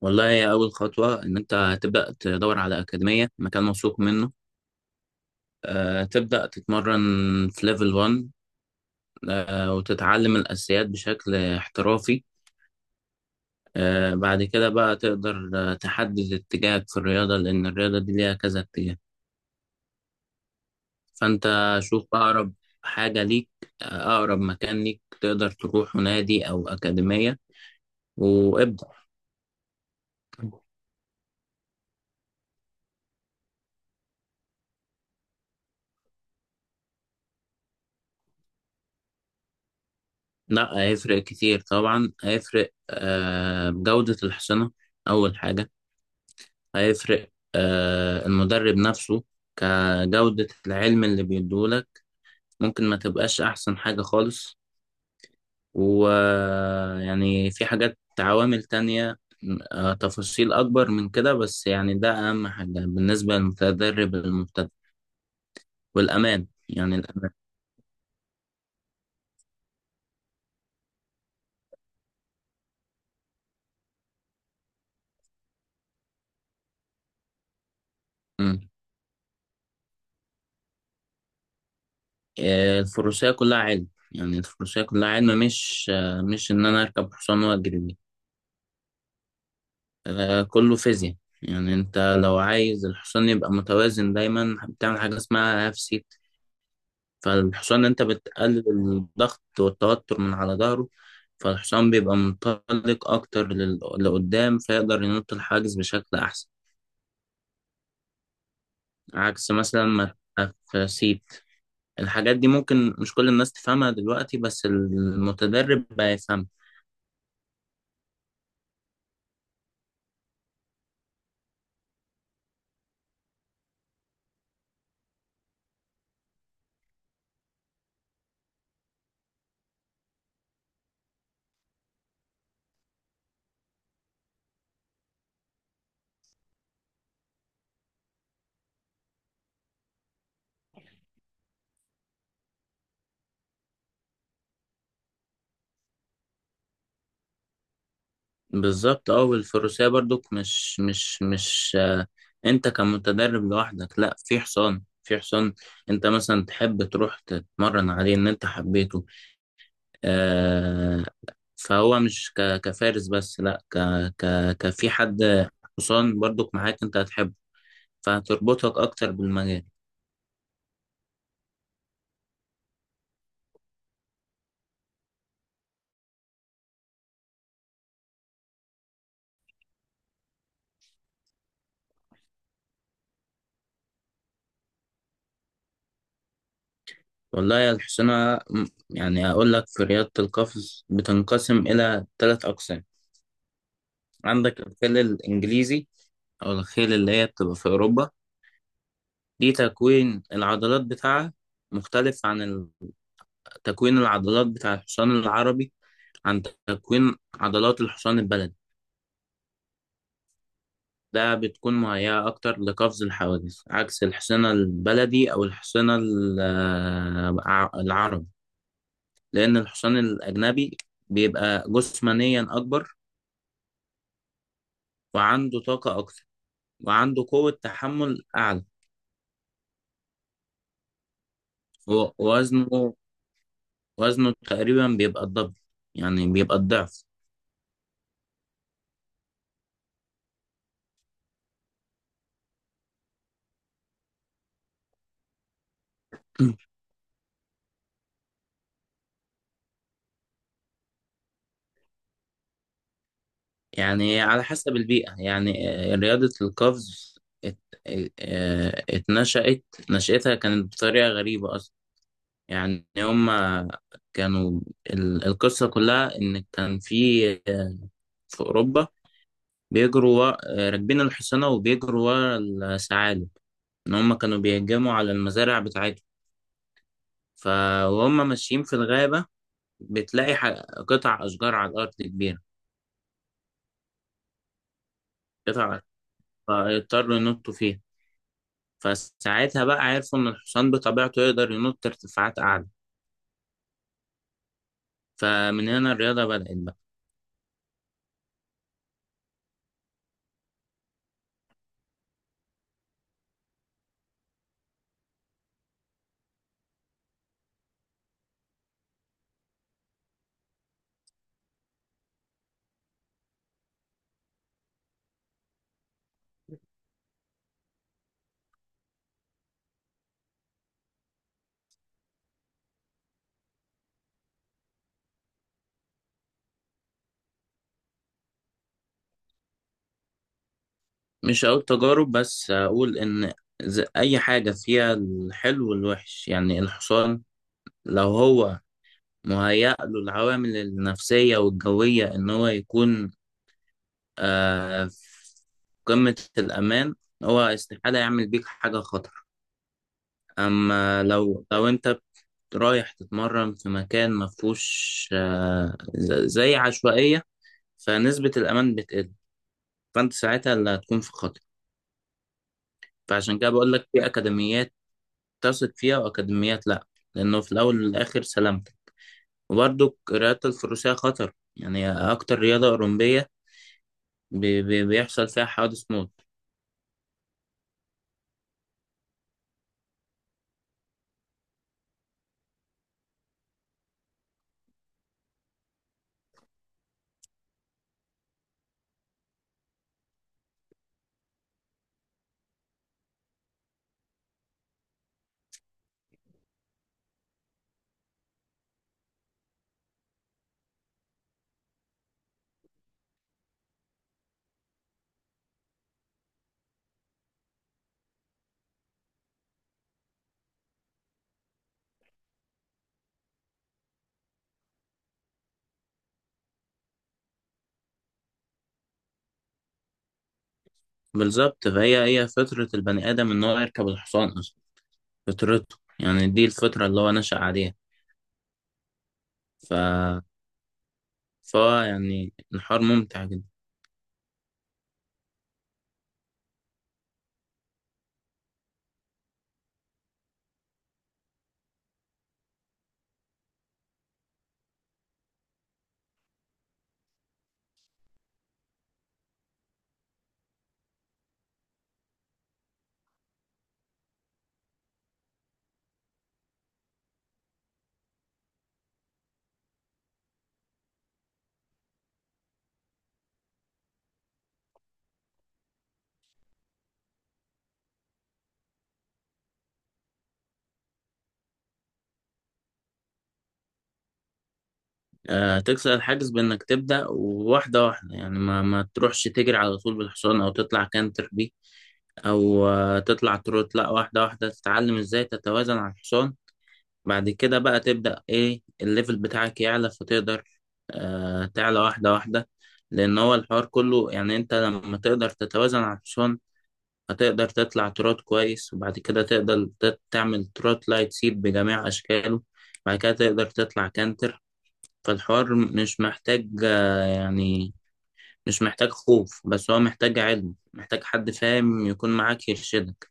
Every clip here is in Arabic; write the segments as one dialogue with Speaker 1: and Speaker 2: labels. Speaker 1: والله، هي أول خطوة إن أنت تبدأ تدور على أكاديمية مكان موثوق منه. تبدأ تتمرن في ليفل 1. وتتعلم الأساسيات بشكل احترافي. بعد كده بقى تقدر تحدد اتجاهك في الرياضة، لأن الرياضة دي ليها كذا اتجاه. فأنت شوف أقرب حاجة ليك، أقرب مكان ليك تقدر تروح نادي أو أكاديمية، وابدأ. لا، هيفرق كتير طبعا، هيفرق بجودة الحصانة أول حاجة. هيفرق المدرب نفسه، كجودة العلم اللي بيديهولك، ممكن ما تبقاش أحسن حاجة خالص. ويعني في حاجات عوامل تانية، تفاصيل أكبر من كده، بس يعني ده أهم حاجة بالنسبة للمتدرب المبتدئ، والأمان، يعني الأمان. مم. الفروسية كلها علم، يعني الفروسية كلها علم، مش إن أنا أركب حصان وأجري بيه. كله فيزياء. يعني انت لو عايز الحصان يبقى متوازن دايما، بتعمل حاجة اسمها هاف سيت. فالحصان، انت بتقلل الضغط والتوتر من على ظهره، فالحصان بيبقى منطلق اكتر لقدام، فيقدر ينط الحاجز بشكل احسن، عكس مثلا ما تبقى في سيت. الحاجات دي ممكن مش كل الناس تفهمها دلوقتي، بس المتدرب هيفهمها. بالظبط، اه، والفروسية برضك مش انت كمتدرب لوحدك، لا، في حصان، في حصان انت مثلا تحب تروح تتمرن عليه ان انت حبيته. آه، فهو مش كفارس بس، لا، ك ك كفي حد، حصان برضك معاك انت هتحبه، فهتربطك اكتر بالمجال. والله يا الحصانة، يعني اقول لك في رياضة القفز بتنقسم الى ثلاث اقسام. عندك الخيل الانجليزي، او الخيل اللي هي بتبقى في اوروبا، دي تكوين العضلات بتاعها مختلف عن تكوين العضلات بتاع الحصان العربي، عن تكوين عضلات الحصان البلدي. ده بتكون مهيئة أكتر لقفز الحواجز، عكس الحصان البلدي أو الحصان العربي، لأن الحصان الأجنبي بيبقى جسمانيا أكبر، وعنده طاقة أكتر، وعنده قوة تحمل أعلى، و- ووزنه وزنه تقريبا بيبقى الضعف، يعني بيبقى الضعف. يعني على حسب البيئة. يعني رياضة القفز، ات... آه، اتنشأت، نشأتها كانت بطريقة غريبة أصلا. يعني هما كانوا، القصة كلها إن كان في أوروبا، بيجروا ورا... آه، راكبين الحصانة وبيجروا ورا الثعالب. إن هما كانوا بيهجموا على المزارع بتاعتهم، فهم ماشيين في الغابة، بتلاقي قطع أشجار على الأرض كبيرة، قطع فيضطروا ينطوا فيها. فساعتها بقى عرفوا إن الحصان بطبيعته يقدر ينط ارتفاعات أعلى، فمن هنا الرياضة بدأت بقى. مش هقول تجارب، بس أقول إن أي حاجة فيها الحلو والوحش. يعني الحصان، لو هو مهيأ له العوامل النفسية والجوية إن هو يكون في قمة الأمان، هو استحالة يعمل بيك حاجة خطر. أما لو أنت رايح تتمرن في مكان مفهوش زي عشوائية، فنسبة الأمان بتقل، فأنت ساعتها اللي هتكون في خطر. فعشان كده بقول لك في أكاديميات تثق فيها وأكاديميات لأ، لأنه في الأول والآخر سلامتك. وبرضه رياضة الفروسية خطر، يعني أكتر رياضة أولمبية بيحصل فيها حوادث موت. بالظبط، فهي هي فطرة البني آدم إن هو يركب الحصان أصلا، فطرته، يعني دي الفطرة اللي هو نشأ عليها. ف... فهو يعني الحوار ممتع جدا. تكسر الحاجز بإنك تبدأ واحدة واحدة، يعني ما تروحش تجري على طول بالحصان، أو تطلع كانتر بيه، أو تطلع تروت، لأ، واحدة واحدة تتعلم إزاي تتوازن على الحصان. بعد كده بقى تبدأ إيه الليفل بتاعك يعلى، فتقدر تعلى واحدة واحدة. لأن هو الحوار كله، يعني أنت لما تقدر تتوازن على الحصان، هتقدر تطلع تروت كويس، وبعد كده تقدر تعمل تروت لايت سيب بجميع أشكاله، بعد كده تقدر تطلع كانتر. فالحوار مش محتاج يعني مش محتاج خوف، بس هو محتاج علم، محتاج حد فاهم يكون معاك يرشدك.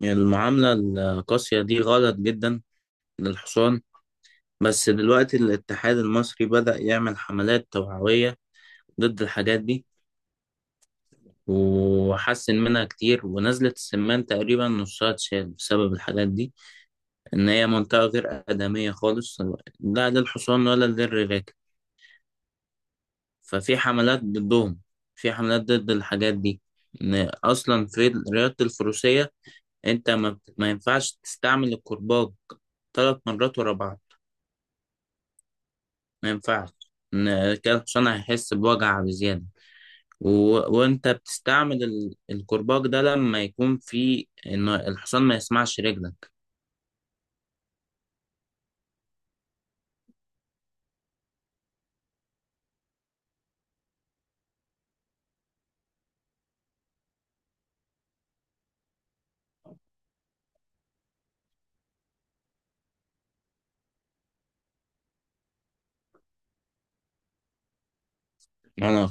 Speaker 1: يعني المعاملة القاسية دي غلط جدا للحصان، بس دلوقتي الاتحاد المصري بدأ يعمل حملات توعوية ضد الحاجات دي، وحسن منها كتير، ونزلة السمان تقريبا نصها اتشال بسبب الحاجات دي، إن هي منطقة غير آدمية خالص، لا للحصان ولا للركاب. ففي حملات ضدهم، في حملات ضد الحاجات دي، ان اصلا في رياضة الفروسية انت ما ينفعش تستعمل الكرباج 3 مرات ورا بعض، ما ينفعش، ان كده الحصان هيحس بوجع بزيادة. و... وانت بتستعمل الكرباج ده لما يكون في ان الحصان ما يسمعش رجلك، يعني